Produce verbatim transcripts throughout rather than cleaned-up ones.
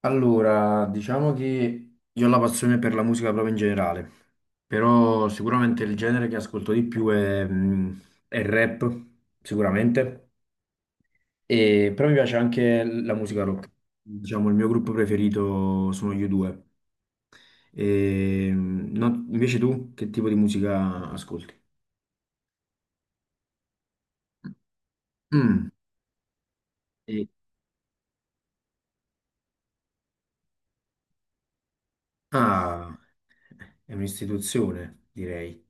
Allora, diciamo che io ho la passione per la musica proprio in generale, però sicuramente il genere che ascolto di più è, mm, è il rap, sicuramente, e, però mi piace anche la musica rock. Diciamo, il mio gruppo preferito sono gli U due. E, mm, no- invece tu, che tipo di musica ascolti? Mm, e- ah, è un'istituzione, direi.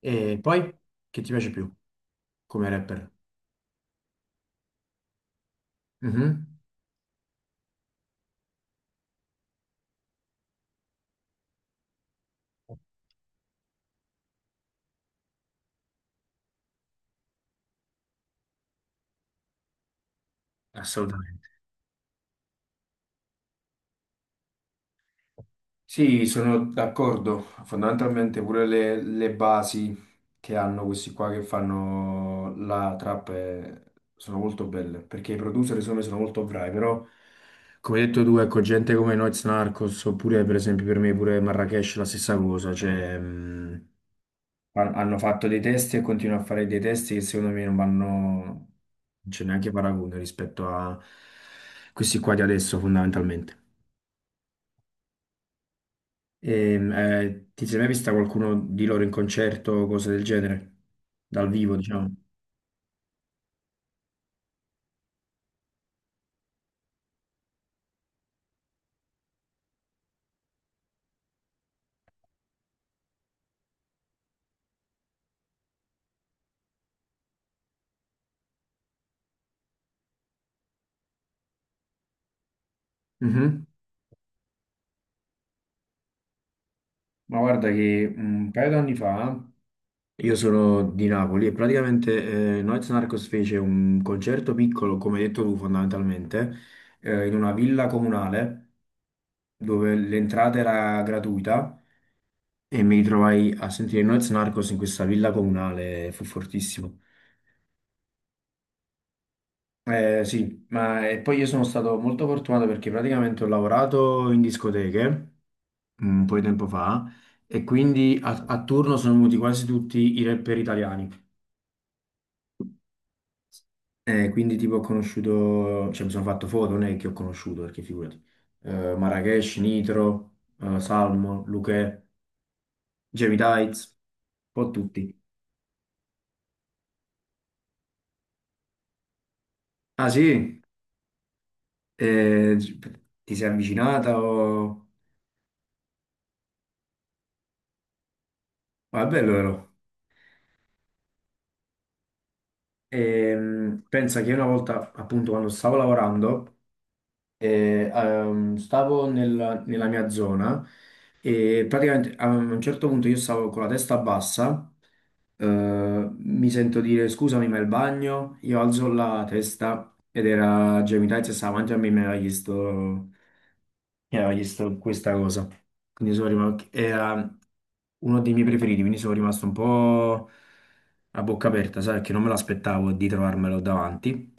E poi, che ti piace più come rapper? Mhm. Assolutamente. Sì, sono d'accordo. Fondamentalmente pure le, le basi che hanno questi qua che fanno la trap eh, sono molto belle, perché i producer secondo me sono molto bravi, però come hai detto tu, ecco, gente come Noyz Narcos, oppure per esempio per me pure Marracash la stessa cosa, cioè mh, han- hanno fatto dei testi e continuano a fare dei testi che secondo me non vanno, non c'è neanche paragone rispetto a questi qua di adesso fondamentalmente. Ehm, eh, ti sei mai vista qualcuno di loro in concerto o cose del genere? Dal vivo, diciamo. Mhm. Ma guarda che un paio d'anni fa io sono di Napoli e praticamente eh, Noyz Narcos fece un concerto piccolo, come hai detto tu fondamentalmente, eh, in una villa comunale dove l'entrata era gratuita e mi ritrovai a sentire Noyz Narcos in questa villa comunale, fu fortissimo. Eh, sì, ma e poi io sono stato molto fortunato perché praticamente ho lavorato in discoteche mm, un po' di tempo fa e quindi a, a turno sono venuti quasi tutti i rapper italiani. Eh, quindi tipo ho conosciuto, cioè mi sono fatto foto, non è che ho conosciuto perché figurati, eh, Marrakesh, Nitro, eh, Salmo, Luchè, Jamie Tights, un po' tutti. Ah sì? Eh, Ti sei avvicinata o... Ma è bello però. Ehm, pensa che una volta, appunto, quando stavo lavorando, eh, ehm, stavo nel- nella mia zona e praticamente a un certo punto io stavo con la testa bassa, eh, mi sento dire scusami ma il bagno, io alzo la testa ed era Jamie Tights e stava davanti a me e mi aveva chiesto, mi aveva chiesto questa cosa. Quindi sono rimasto, era uno dei miei preferiti, quindi sono rimasto un po' a bocca aperta, sai, perché non me l'aspettavo di trovarmelo davanti.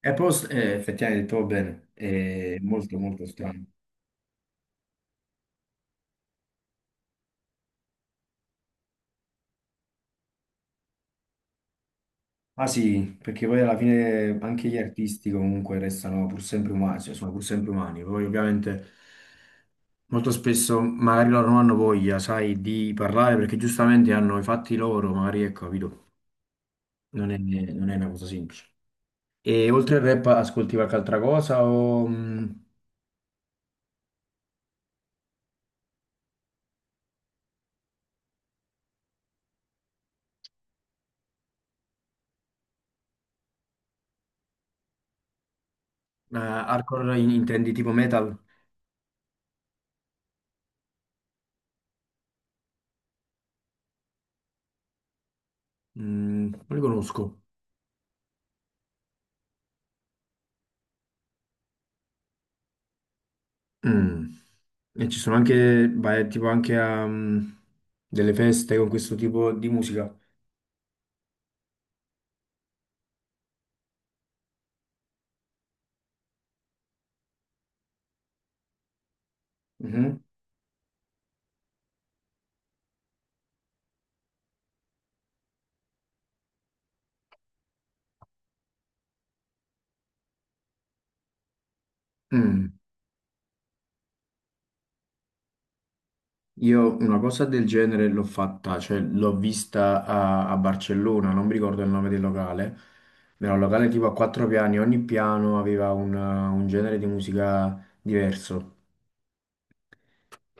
E poi eh, effettivamente trovo bene, è molto molto strano. Ah sì, perché poi alla fine anche gli artisti comunque restano pur sempre umani, cioè sono pur sempre umani. Poi ovviamente molto spesso magari loro non hanno voglia, sai, di parlare perché giustamente hanno i fatti loro, magari ecco, capito? Non è, non è una cosa semplice. E oltre al rap ascolti qualche altra cosa o mh, eh, hardcore in- intendi tipo metal? Mm, non li conosco. Mm. E ci sono anche, vai tipo anche a mm, delle feste con questo tipo di musica. Mhm. Mm. Io una cosa del genere l'ho fatta, cioè l'ho vista a, a Barcellona, non mi ricordo il nome del locale. Era un locale tipo a quattro piani, ogni piano aveva un, un genere di musica diverso.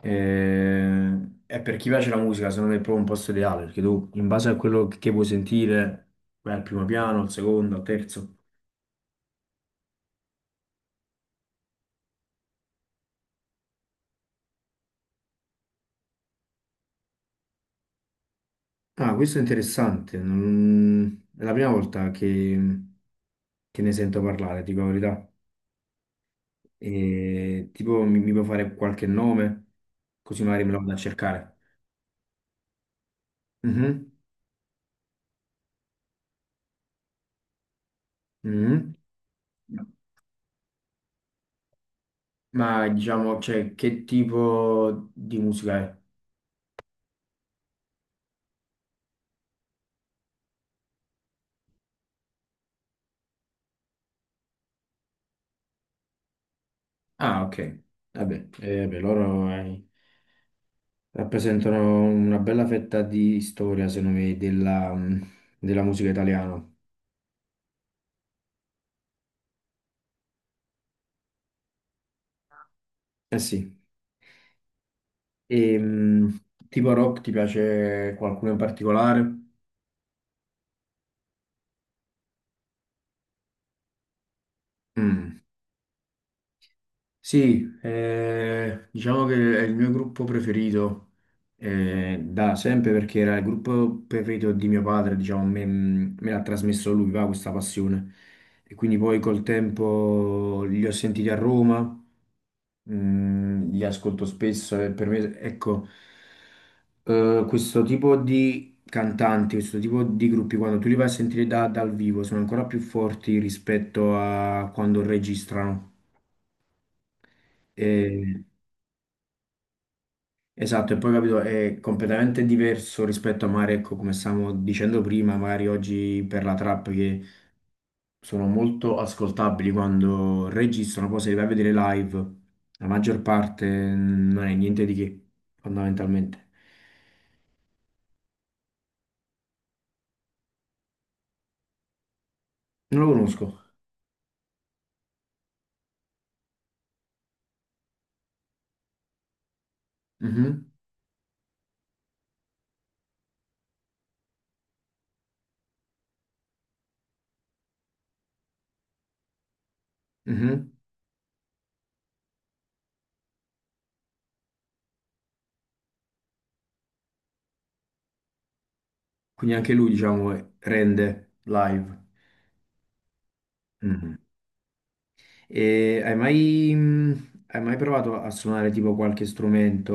E, e per chi piace la musica, secondo me è proprio un posto ideale, perché tu in base a quello che puoi sentire, vai al primo piano, al secondo, al terzo. Ah, questo è interessante. non- È la prima volta che, che ne sento parlare, dico la verità. E, tipo, mi, mi può fare qualche nome, così magari me lo vado a cercare. Mhm, mhm. Ma diciamo, cioè, che tipo di musica è? Ah, ok. Vabbè, eh, vabbè, loro eh, rappresentano una bella fetta di storia, secondo me, della, della musica italiana. Eh sì. E, mh, tipo rock ti piace qualcuno in particolare? Mm. Sì, eh, diciamo che è il mio gruppo preferito eh, da sempre perché era il gruppo preferito di mio padre, diciamo, me, me l'ha trasmesso lui, va, questa passione. E quindi poi col tempo li ho sentiti a Roma, Mm, li ascolto spesso e per me, ecco, eh, questo tipo di cantanti, questo tipo di gruppi, quando tu li vai a sentire da- dal vivo, sono ancora più forti rispetto a quando registrano. E- esatto, e poi capito, è completamente diverso rispetto a magari, ecco, come stavamo dicendo prima, magari oggi per la trap sono molto ascoltabili quando registrano, poi se li vai a vedere live, la maggior parte mm, non è niente di che, fondamentalmente. Non lo conosco. Mhm, mhm. Quindi anche lui, diciamo, eh, rende live. Mhm. E hai mai, mh, hai mai provato a suonare tipo qualche strumento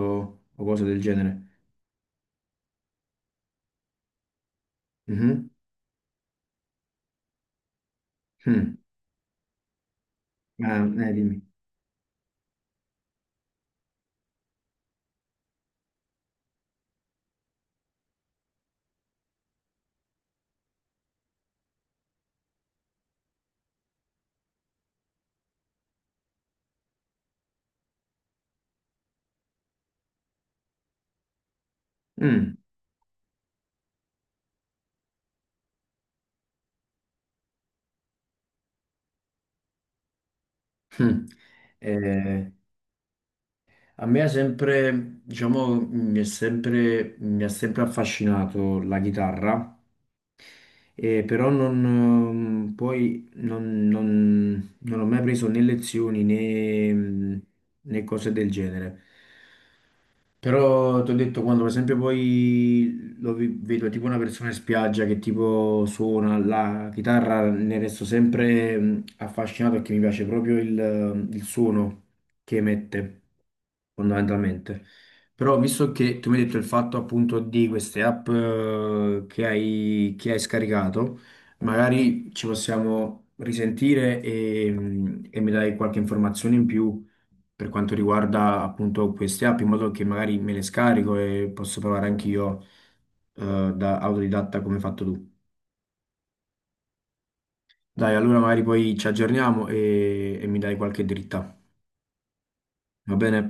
o cosa del genere? Mhm. Mm. Ah, eh, dimmi. Mm. Mm. Eh, A me ha sempre, diciamo, mi è sempre, mi ha sempre affascinato la chitarra, eh, però non, ehm, poi non, non- non ho mai preso né lezioni né, né cose del genere. Però ti ho detto, quando per esempio poi lo vi- vedo tipo una persona in spiaggia che tipo suona la chitarra, ne resto sempre mh, affascinato perché mi piace proprio il, mm, il suono che emette, fondamentalmente. Però visto che tu mi hai detto il fatto appunto di queste app eh, che hai, che hai scaricato, magari ci possiamo risentire e, mh, e mi dai qualche informazione in più per quanto riguarda appunto queste app, in modo che magari me le scarico e posso provare anch'io eh, da autodidatta come hai fatto tu. Dai, allora magari poi ci aggiorniamo e, e mi dai qualche dritta, va bene?